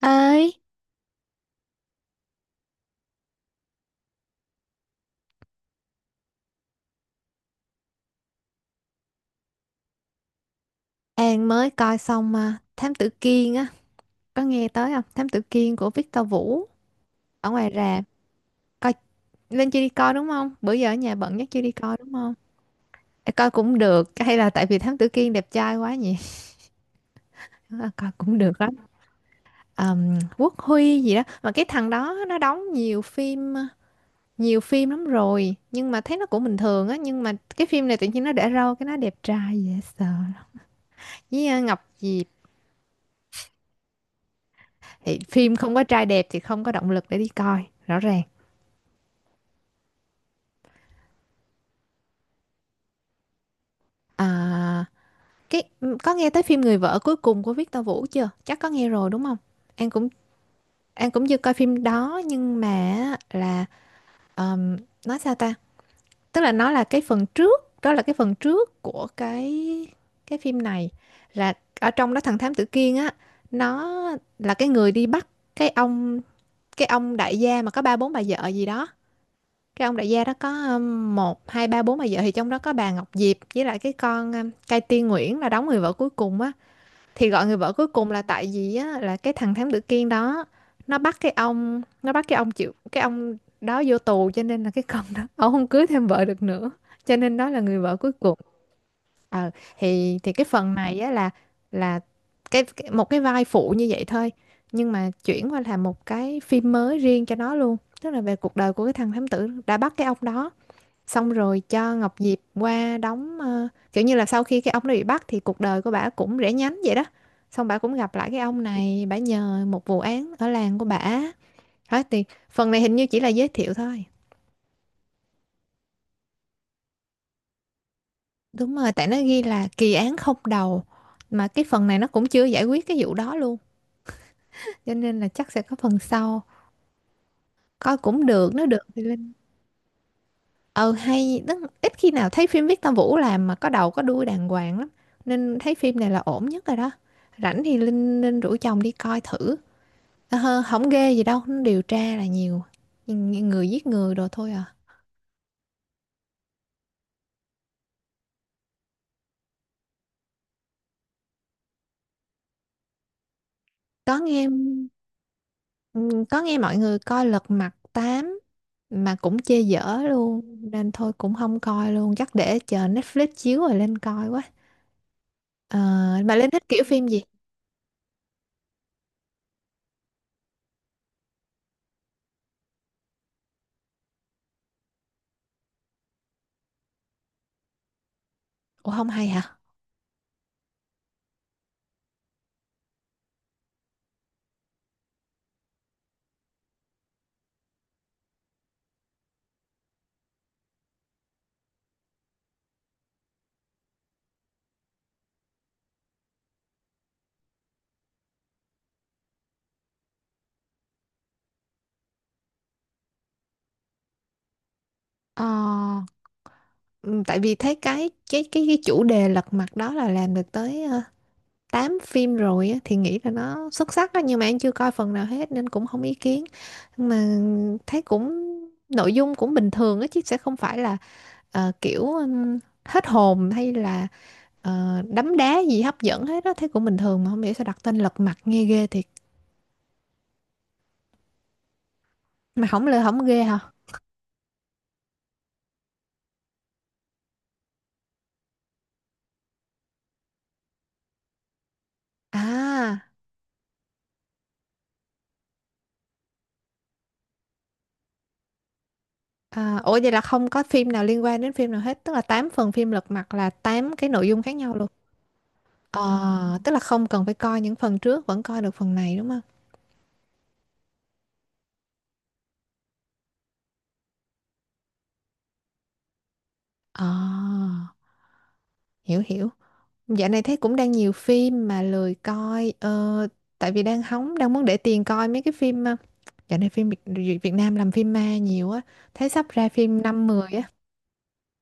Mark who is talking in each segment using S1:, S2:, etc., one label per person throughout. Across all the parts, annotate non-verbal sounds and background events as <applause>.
S1: Ấy, An mới coi xong à, Thám Tử Kiên á, có nghe tới không? Thám Tử Kiên của Victor Vũ ở ngoài rạp. Coi lên chưa đi coi đúng không? Bữa giờ ở nhà bận nhất chưa đi coi đúng không? Ê, coi cũng được, hay là tại vì Thám Tử Kiên đẹp trai quá nhỉ? <laughs> Coi cũng được lắm. Quốc Huy gì đó, mà cái thằng đó nó đóng nhiều phim lắm rồi, nhưng mà thấy nó cũng bình thường á, nhưng mà cái phim này tự nhiên nó để râu cái nó đẹp trai dễ sợ. Với Ngọc Diệp thì phim không có trai đẹp thì không có động lực để đi coi, rõ ràng. À, có nghe tới phim Người vợ cuối cùng của Victor Vũ chưa? Chắc có nghe rồi đúng không? An cũng An cũng chưa coi phim đó nhưng mà á, là ờm, nói sao ta? Tức là nó là cái phần trước, đó là cái phần trước của cái phim này là ở trong đó thằng Thám Tử Kiên á, nó là cái người đi bắt cái ông cái ông đại gia mà có ba bốn bà vợ gì đó. Cái ông đại gia đó có một hai ba bốn bà vợ thì trong đó có bà Ngọc Diệp với lại cái con Cai Tiên Nguyễn là đóng người vợ cuối cùng á thì gọi người vợ cuối cùng là tại vì á là cái thằng thám tử Kiên đó nó bắt cái ông chịu cái ông đó vô tù cho nên là cái con đó <laughs> ông không cưới thêm vợ được nữa cho nên đó là người vợ cuối cùng. Ờ thì thì cái phần này á là cái một cái vai phụ như vậy thôi, nhưng mà chuyển qua làm một cái phim mới riêng cho nó luôn, tức là về cuộc đời của cái thằng thám tử đã bắt cái ông đó, xong rồi cho Ngọc Diệp qua đóng kiểu như là sau khi cái ông đó bị bắt thì cuộc đời của bả cũng rẽ nhánh vậy đó, xong bả cũng gặp lại cái ông này bả nhờ một vụ án ở làng của bả. Hết thì phần này hình như chỉ là giới thiệu thôi. Đúng rồi tại nó ghi là kỳ án không đầu, mà cái phần này nó cũng chưa giải quyết cái vụ đó luôn, cho nên là chắc sẽ có phần sau. Coi cũng được nó được thì lên. Ờ hay tức ít khi nào thấy phim Victor Vũ làm mà có đầu có đuôi đàng hoàng lắm, nên thấy phim này là ổn nhất rồi đó. Rảnh thì Linh Linh rủ chồng đi coi thử. Ờ, không ghê gì đâu nó điều tra là nhiều. Nhưng người giết người đồ thôi à. Có nghe. Ừ, có nghe mọi người coi Lật Mặt 8 mà cũng chê dở luôn, nên thôi cũng không coi luôn, chắc để chờ Netflix chiếu rồi lên coi quá. Ờ, mà Linh thích kiểu phim gì? Ủa không hay hả? Ờ. Ừ, tại vì thấy cái chủ đề lật mặt đó là làm được tới 8 phim rồi á, thì nghĩ là nó xuất sắc đó, nhưng mà em chưa coi phần nào hết nên cũng không ý kiến. Nhưng mà thấy cũng nội dung cũng bình thường á, chứ sẽ không phải là kiểu hết hồn hay là đấm đá gì hấp dẫn hết đó, thấy cũng bình thường mà không hiểu sao đặt tên lật mặt nghe ghê thiệt. Mà không lừa không ghê hả? À. À, ủa vậy là không có phim nào liên quan đến phim nào hết, tức là 8 phần phim lật mặt là 8 cái nội dung khác nhau luôn. Ờ, tức là không cần phải coi những phần trước vẫn coi được phần này đúng không? Ờ, hiểu hiểu. Dạo này thấy cũng đang nhiều phim mà lười coi tại vì đang hóng đang muốn để tiền coi mấy cái phim dạo này phim Việt, Việt Nam làm phim ma nhiều á, thấy sắp ra phim năm mười á,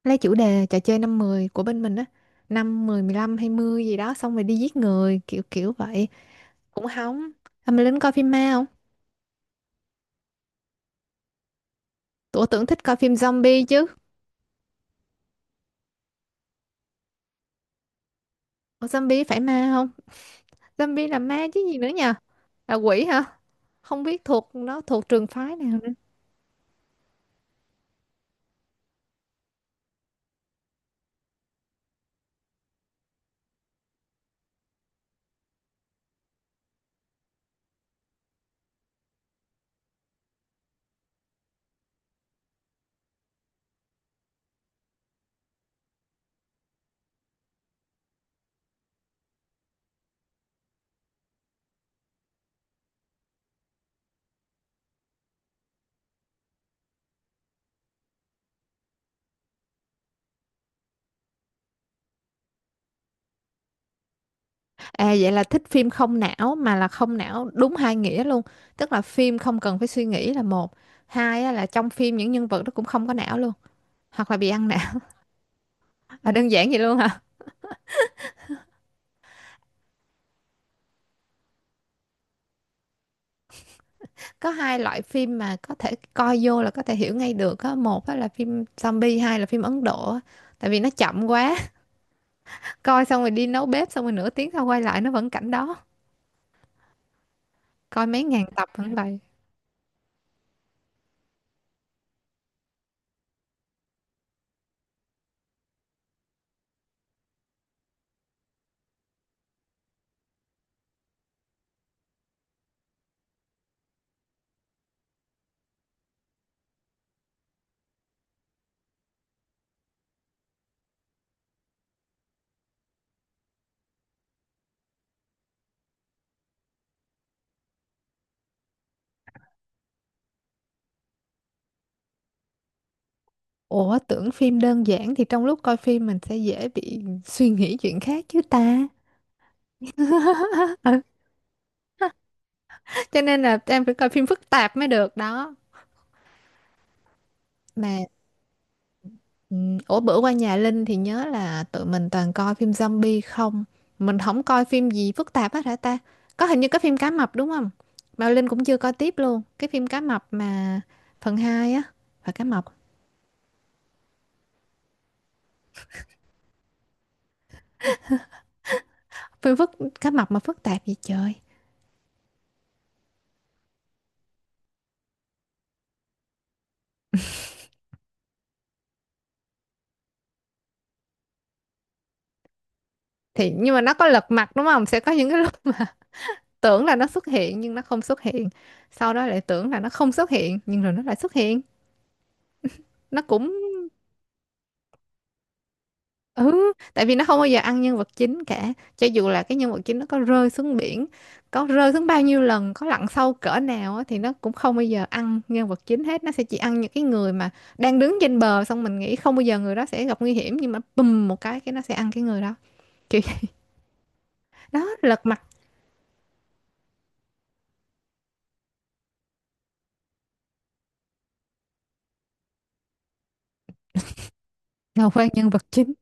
S1: lấy chủ đề trò chơi năm mười của bên mình á, năm mười mười lăm hai mươi gì đó xong rồi đi giết người kiểu kiểu vậy, cũng hóng. Mà Linh coi phim ma không? Tụi tưởng thích coi phim zombie chứ. Ủa, zombie phải ma không? Zombie là ma chứ gì nữa nhờ? Là quỷ hả? Không biết thuộc nó thuộc trường phái nào nữa. À vậy là thích phim không não, mà là không não đúng hai nghĩa luôn. Tức là phim không cần phải suy nghĩ là một. Hai á, là trong phim những nhân vật nó cũng không có não luôn. Hoặc là bị ăn não. <laughs> Là đơn giản vậy luôn hả? Có hai loại phim mà có thể coi vô là có thể hiểu ngay được á. Một á, là phim zombie, hai là phim Ấn Độ. Á. Tại vì nó chậm quá. <laughs> Coi xong rồi đi nấu bếp xong rồi nửa tiếng sau quay lại nó vẫn cảnh đó. Coi mấy ngàn tập vẫn vậy. Ủa tưởng phim đơn giản thì trong lúc coi phim mình sẽ dễ bị suy nghĩ chuyện khác chứ ta. <laughs> Ừ, cho nên là em phải coi phim phức tạp mới được đó. Mà ủa bữa qua nhà Linh thì nhớ là tụi mình toàn coi phim zombie không? Mình không coi phim gì phức tạp hết hả ta? Có hình như có phim cá mập đúng không? Mà Linh cũng chưa coi tiếp luôn. Cái phim cá mập mà phần 2 á. Phải cá mập. Phim cá mập mà phức tạp vậy trời. Thì nhưng mà nó có lật mặt đúng không? Sẽ có những cái <laughs> lúc mà tưởng là nó xuất hiện nhưng nó không xuất hiện, sau đó lại tưởng là nó không xuất hiện nhưng rồi nó lại xuất hiện, nó cũng. Ừ tại vì nó không bao giờ ăn nhân vật chính cả, cho dù là cái nhân vật chính nó có rơi xuống biển, có rơi xuống bao nhiêu lần, có lặn sâu cỡ nào á, thì nó cũng không bao giờ ăn nhân vật chính hết, nó sẽ chỉ ăn những cái người mà đang đứng trên bờ, xong mình nghĩ không bao giờ người đó sẽ gặp nguy hiểm nhưng mà bùm một cái nó sẽ ăn cái người đó, kiểu đó lật mặt là quen nhân vật chính.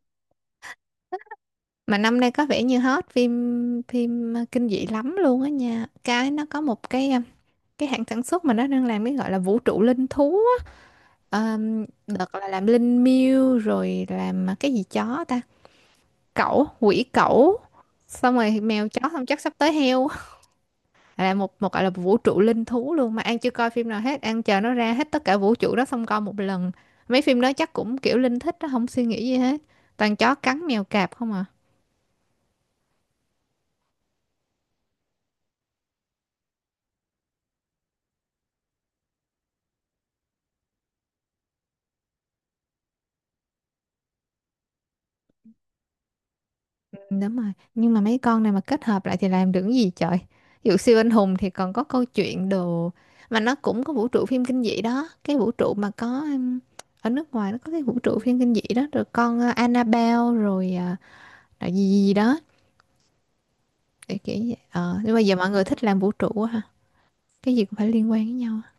S1: Mà năm nay có vẻ như hot phim phim ờ, kinh dị lắm luôn á nha, cái nó có một cái cái hãng sản xuất mà nó đang làm cái gọi là vũ trụ linh thú á. Đợt là làm linh miêu rồi làm cái gì chó ta, cẩu quỷ cẩu, xong rồi mèo chó xong chắc sắp tới heo, là một một gọi là vũ trụ linh thú luôn, mà An chưa coi phim nào hết, An chờ nó ra hết tất cả vũ trụ đó xong coi một lần. Mấy phim đó chắc cũng kiểu Linh thích đó, không suy nghĩ gì hết, toàn chó cắn mèo cạp không à. Đúng rồi, nhưng mà mấy con này mà kết hợp lại thì làm được cái gì trời? Ví dụ siêu anh hùng thì còn có câu chuyện đồ, mà nó cũng có vũ trụ phim kinh dị đó, cái vũ trụ mà có ở nước ngoài nó có cái vũ trụ phim kinh dị đó rồi con Annabelle rồi là gì, gì gì đó để kiểu vậy. Ờ, nhưng mà giờ mọi người thích làm vũ trụ quá ha. Cái gì cũng phải liên quan với nhau. Á.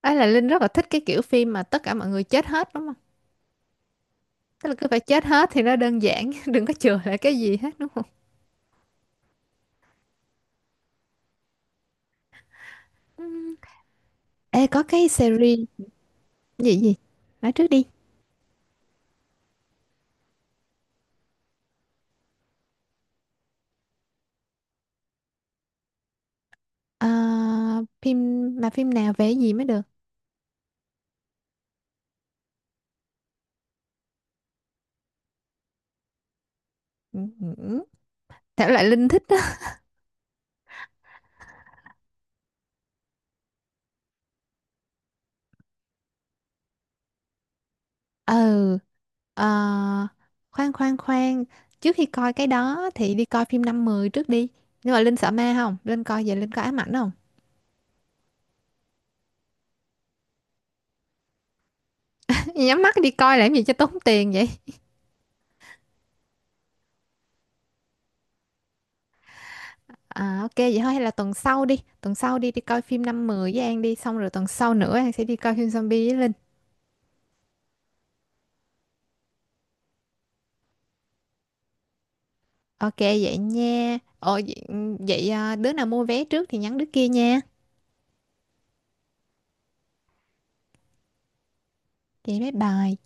S1: Ấy là Linh rất là thích cái kiểu phim mà tất cả mọi người chết hết đúng không? Tức là cứ phải chết hết thì nó đơn giản, <laughs> đừng có chừa lại cái gì hết đúng không? Ừ. Ê có cái series gì gì? Nói trước đi. Ờ, phim mà phim nào vẽ gì mới được. Ừ, ừ. Thể loại Linh thích á. Ừ. Ờ, khoan khoan khoan trước khi coi cái đó thì đi coi phim năm mười trước đi, nhưng mà Linh sợ ma không, Linh coi về Linh có ám ảnh không? <laughs> Nhắm mắt đi coi làm gì cho tốn tiền vậy? À, ok vậy thôi hay là tuần sau đi, tuần sau đi đi coi phim năm mười với An đi, xong rồi tuần sau nữa An sẽ đi coi phim zombie với Linh. Ok vậy nha, ồ vậy, vậy à, đứa nào mua vé trước thì nhắn đứa kia nha. Vậy bye bye.